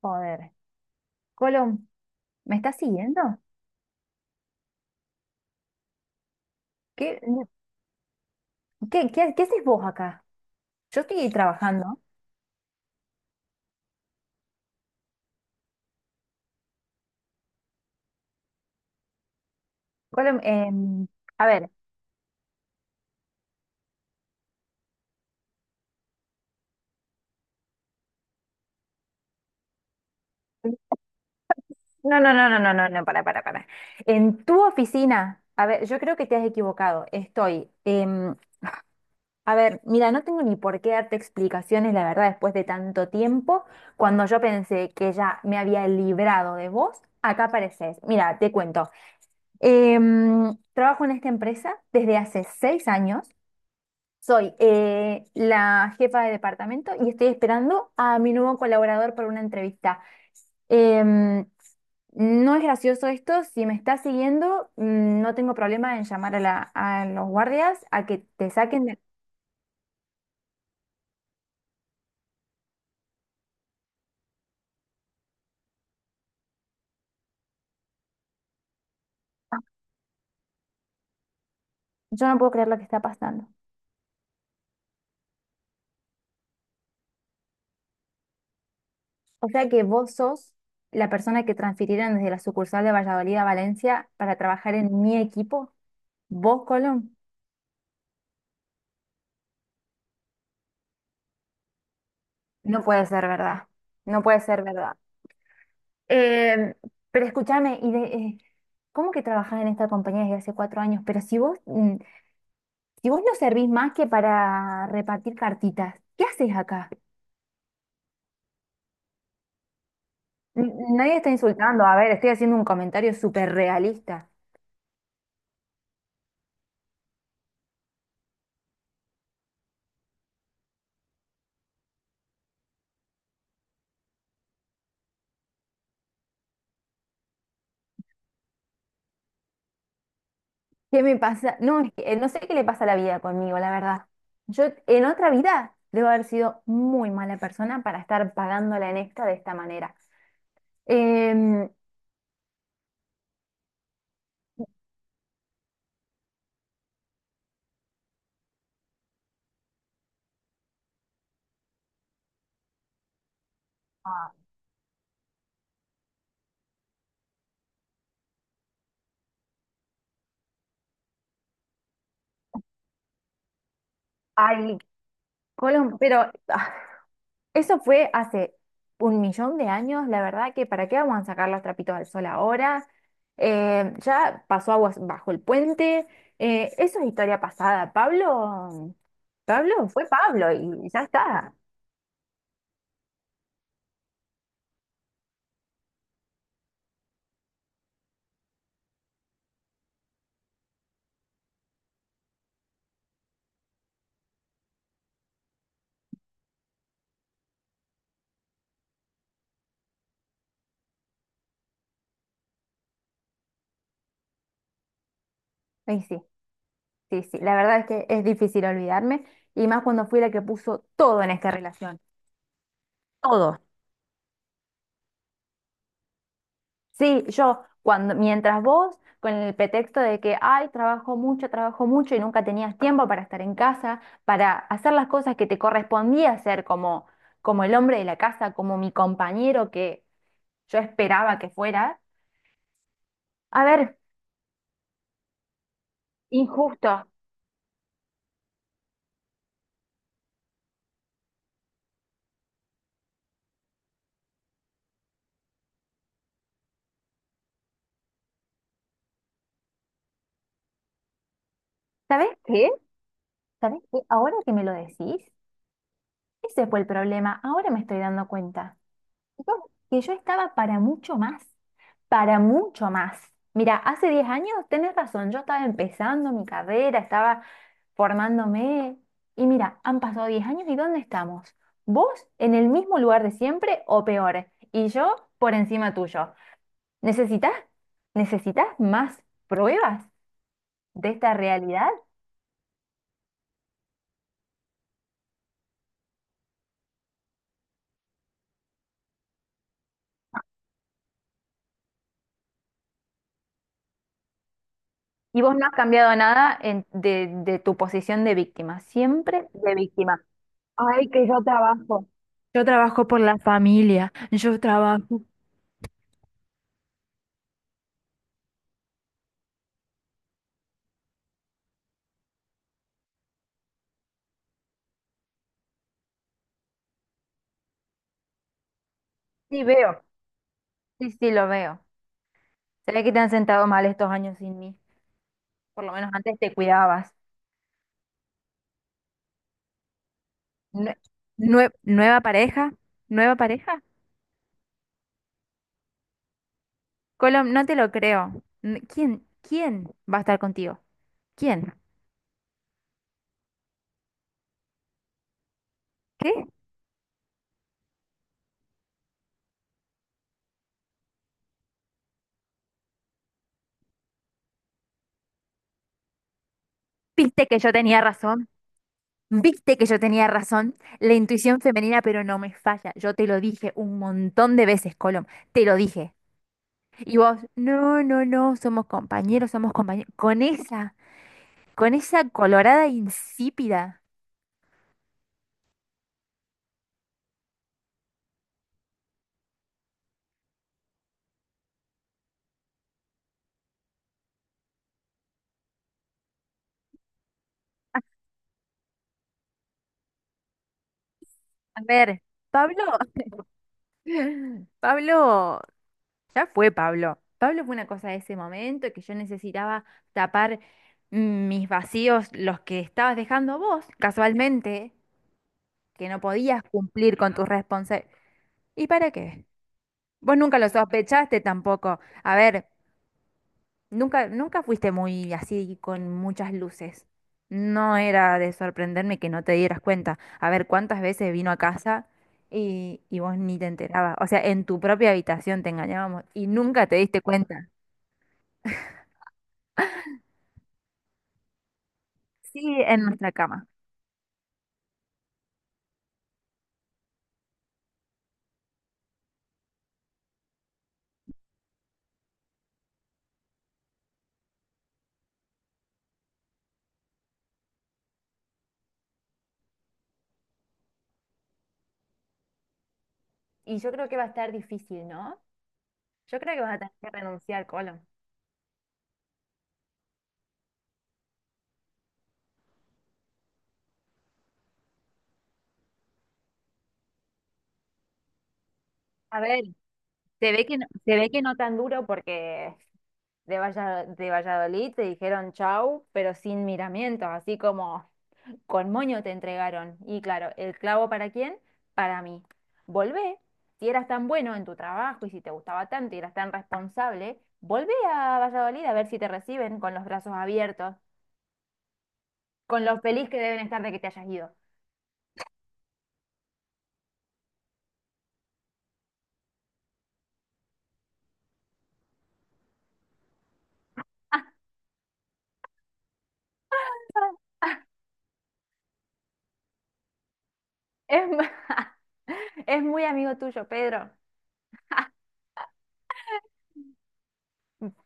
Joder. Colom, ¿me estás siguiendo? ¿Qué, qué haces vos acá? Yo estoy trabajando. Colom, a ver. No, no, no, no, no, no, no, para, para. En tu oficina, a ver, yo creo que te has equivocado. A ver, mira, no tengo ni por qué darte explicaciones, la verdad, después de tanto tiempo, cuando yo pensé que ya me había librado de vos, acá apareces. Mira, te cuento. Trabajo en esta empresa desde hace 6 años. Soy la jefa de departamento y estoy esperando a mi nuevo colaborador para una entrevista. Em, no es gracioso esto, si me estás siguiendo, no tengo problema en llamar a, a los guardias a que te saquen Yo no puedo creer lo que está pasando. O sea que vos sos la persona que transfirieron desde la sucursal de Valladolid a Valencia para trabajar en mi equipo, vos, Colón. No puede ser verdad, no puede ser verdad. Eh, pero escúchame, ¿cómo que trabajás en esta compañía desde hace 4 años? Pero si vos, si vos no servís más que para repartir cartitas, ¿qué haces acá? Nadie está insultando, a ver, estoy haciendo un comentario súper realista. ¿Qué me pasa? No, es que, no sé qué le pasa a la vida conmigo, la verdad. Yo en otra vida debo haber sido muy mala persona para estar pagándola en esta de esta manera. Em, Ah. Ay, Colón, pero eso fue hace un millón de años, la verdad que ¿para qué vamos a sacar los trapitos al sol ahora? Ya pasó aguas bajo el puente, eso es historia pasada. Pablo, Pablo fue Pablo y ya está. Y sí, sí, sí, la verdad es que es difícil olvidarme y más cuando fui la que puso todo en esta relación, todo. Sí, yo cuando mientras vos con el pretexto de que ay, trabajo mucho y nunca tenías tiempo para estar en casa, para hacer las cosas que te correspondía hacer como como el hombre de la casa, como mi compañero que yo esperaba que fuera. A ver, injusto. ¿Sabés qué? ¿Sabés qué? Ahora que me lo decís, ese fue el problema. Ahora me estoy dando cuenta. Que yo estaba para mucho más, para mucho más. Mira, hace 10 años, tenés razón, yo estaba empezando mi carrera, estaba formándome y mira, han pasado 10 años y ¿dónde estamos? ¿Vos en el mismo lugar de siempre o peor? Y yo por encima tuyo. ¿Necesitas, necesitas más pruebas de esta realidad? Y vos no has cambiado nada de tu posición de víctima, siempre de víctima. Ay, que yo trabajo. Yo trabajo por la familia, yo trabajo. Sí, veo. Sí, sí, lo veo. Se ve que te han sentado mal estos años sin mí. Por lo menos antes te cuidabas. Nue- Nueva pareja, nueva pareja. Colom, no te lo creo. ¿Quién, quién va a estar contigo? ¿Quién? ¿Qué? ¿Viste que yo tenía razón? ¿Viste que yo tenía razón? La intuición femenina, pero no me falla. Yo te lo dije un montón de veces, Colom. Te lo dije. Y vos, no, no, no, somos compañeros, somos compañeros. Con esa colorada insípida. A ver, Pablo, Pablo, ya fue Pablo. Pablo fue una cosa de ese momento que yo necesitaba tapar mis vacíos, los que estabas dejando vos, casualmente, que no podías cumplir con tus responsabilidades. ¿Y para qué? Vos nunca lo sospechaste tampoco. A ver. Nunca, nunca fuiste muy así con muchas luces. No era de sorprenderme que no te dieras cuenta. A ver, ¿cuántas veces vino a casa y vos ni te enterabas? O sea, en tu propia habitación te engañábamos y nunca te diste cuenta. Sí, en nuestra cama. Y yo creo que va a estar difícil, ¿no? Yo creo que vas a tener que renunciar, Colo. A ver, se ve que no, se ve que no. No tan duro porque de Valladolid te dijeron chau, pero sin miramientos, así como con moño te entregaron. Y claro, ¿el clavo para quién? Para mí. Volvé, si eras tan bueno en tu trabajo y si te gustaba tanto y eras tan responsable, volvé a Valladolid a ver si te reciben con los brazos abiertos, con lo feliz que deben estar de que te hayas ido. Es, es muy amigo tuyo, Pedro.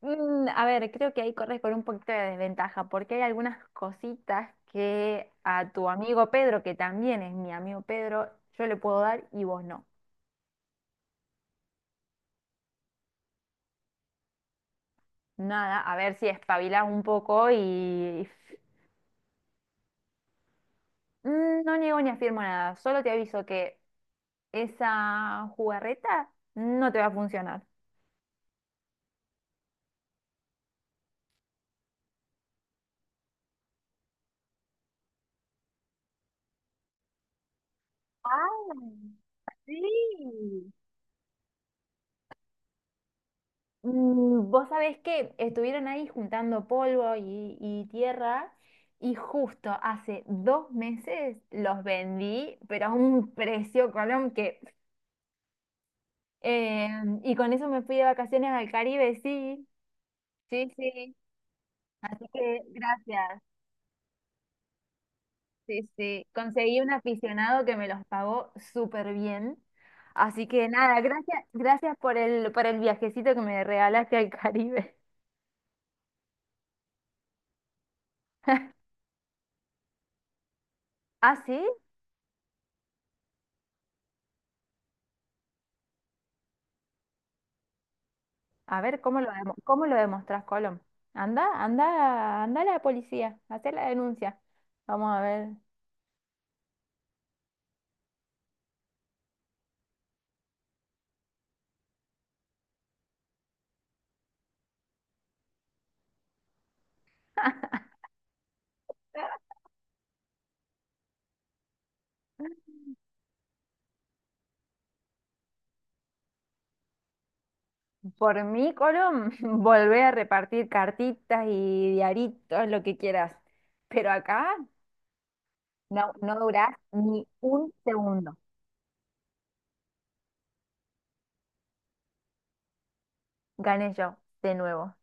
Mm, a ver, creo que ahí corres con un poquito de desventaja, porque hay algunas cositas que a tu amigo Pedro, que también es mi amigo Pedro, yo le puedo dar y vos no. Nada, a ver si espabilás un poco y mm, no niego ni afirmo nada, solo te aviso que esa jugarreta no te va a funcionar. Ah, sí. Mm, vos sabés que estuvieron ahí juntando polvo y tierra y justo hace 2 meses los vendí, pero a un precio, Colón, que... eh, y con eso me fui de vacaciones al Caribe, sí. Sí, sí. Así que gracias. Sí, sí, conseguí un aficionado que me los pagó súper bien. Así que nada, gracias, gracias por el viajecito que me regalaste al Caribe. Ah, sí, a ver, ¿cómo lo demostrás, Colom? Anda, anda, anda a la policía, hacé la denuncia. Vamos a ver. Por mí, Colom, volvé a repartir cartitas y diaritos, lo que quieras. Pero acá no, no durás ni un segundo. Gané yo, de nuevo.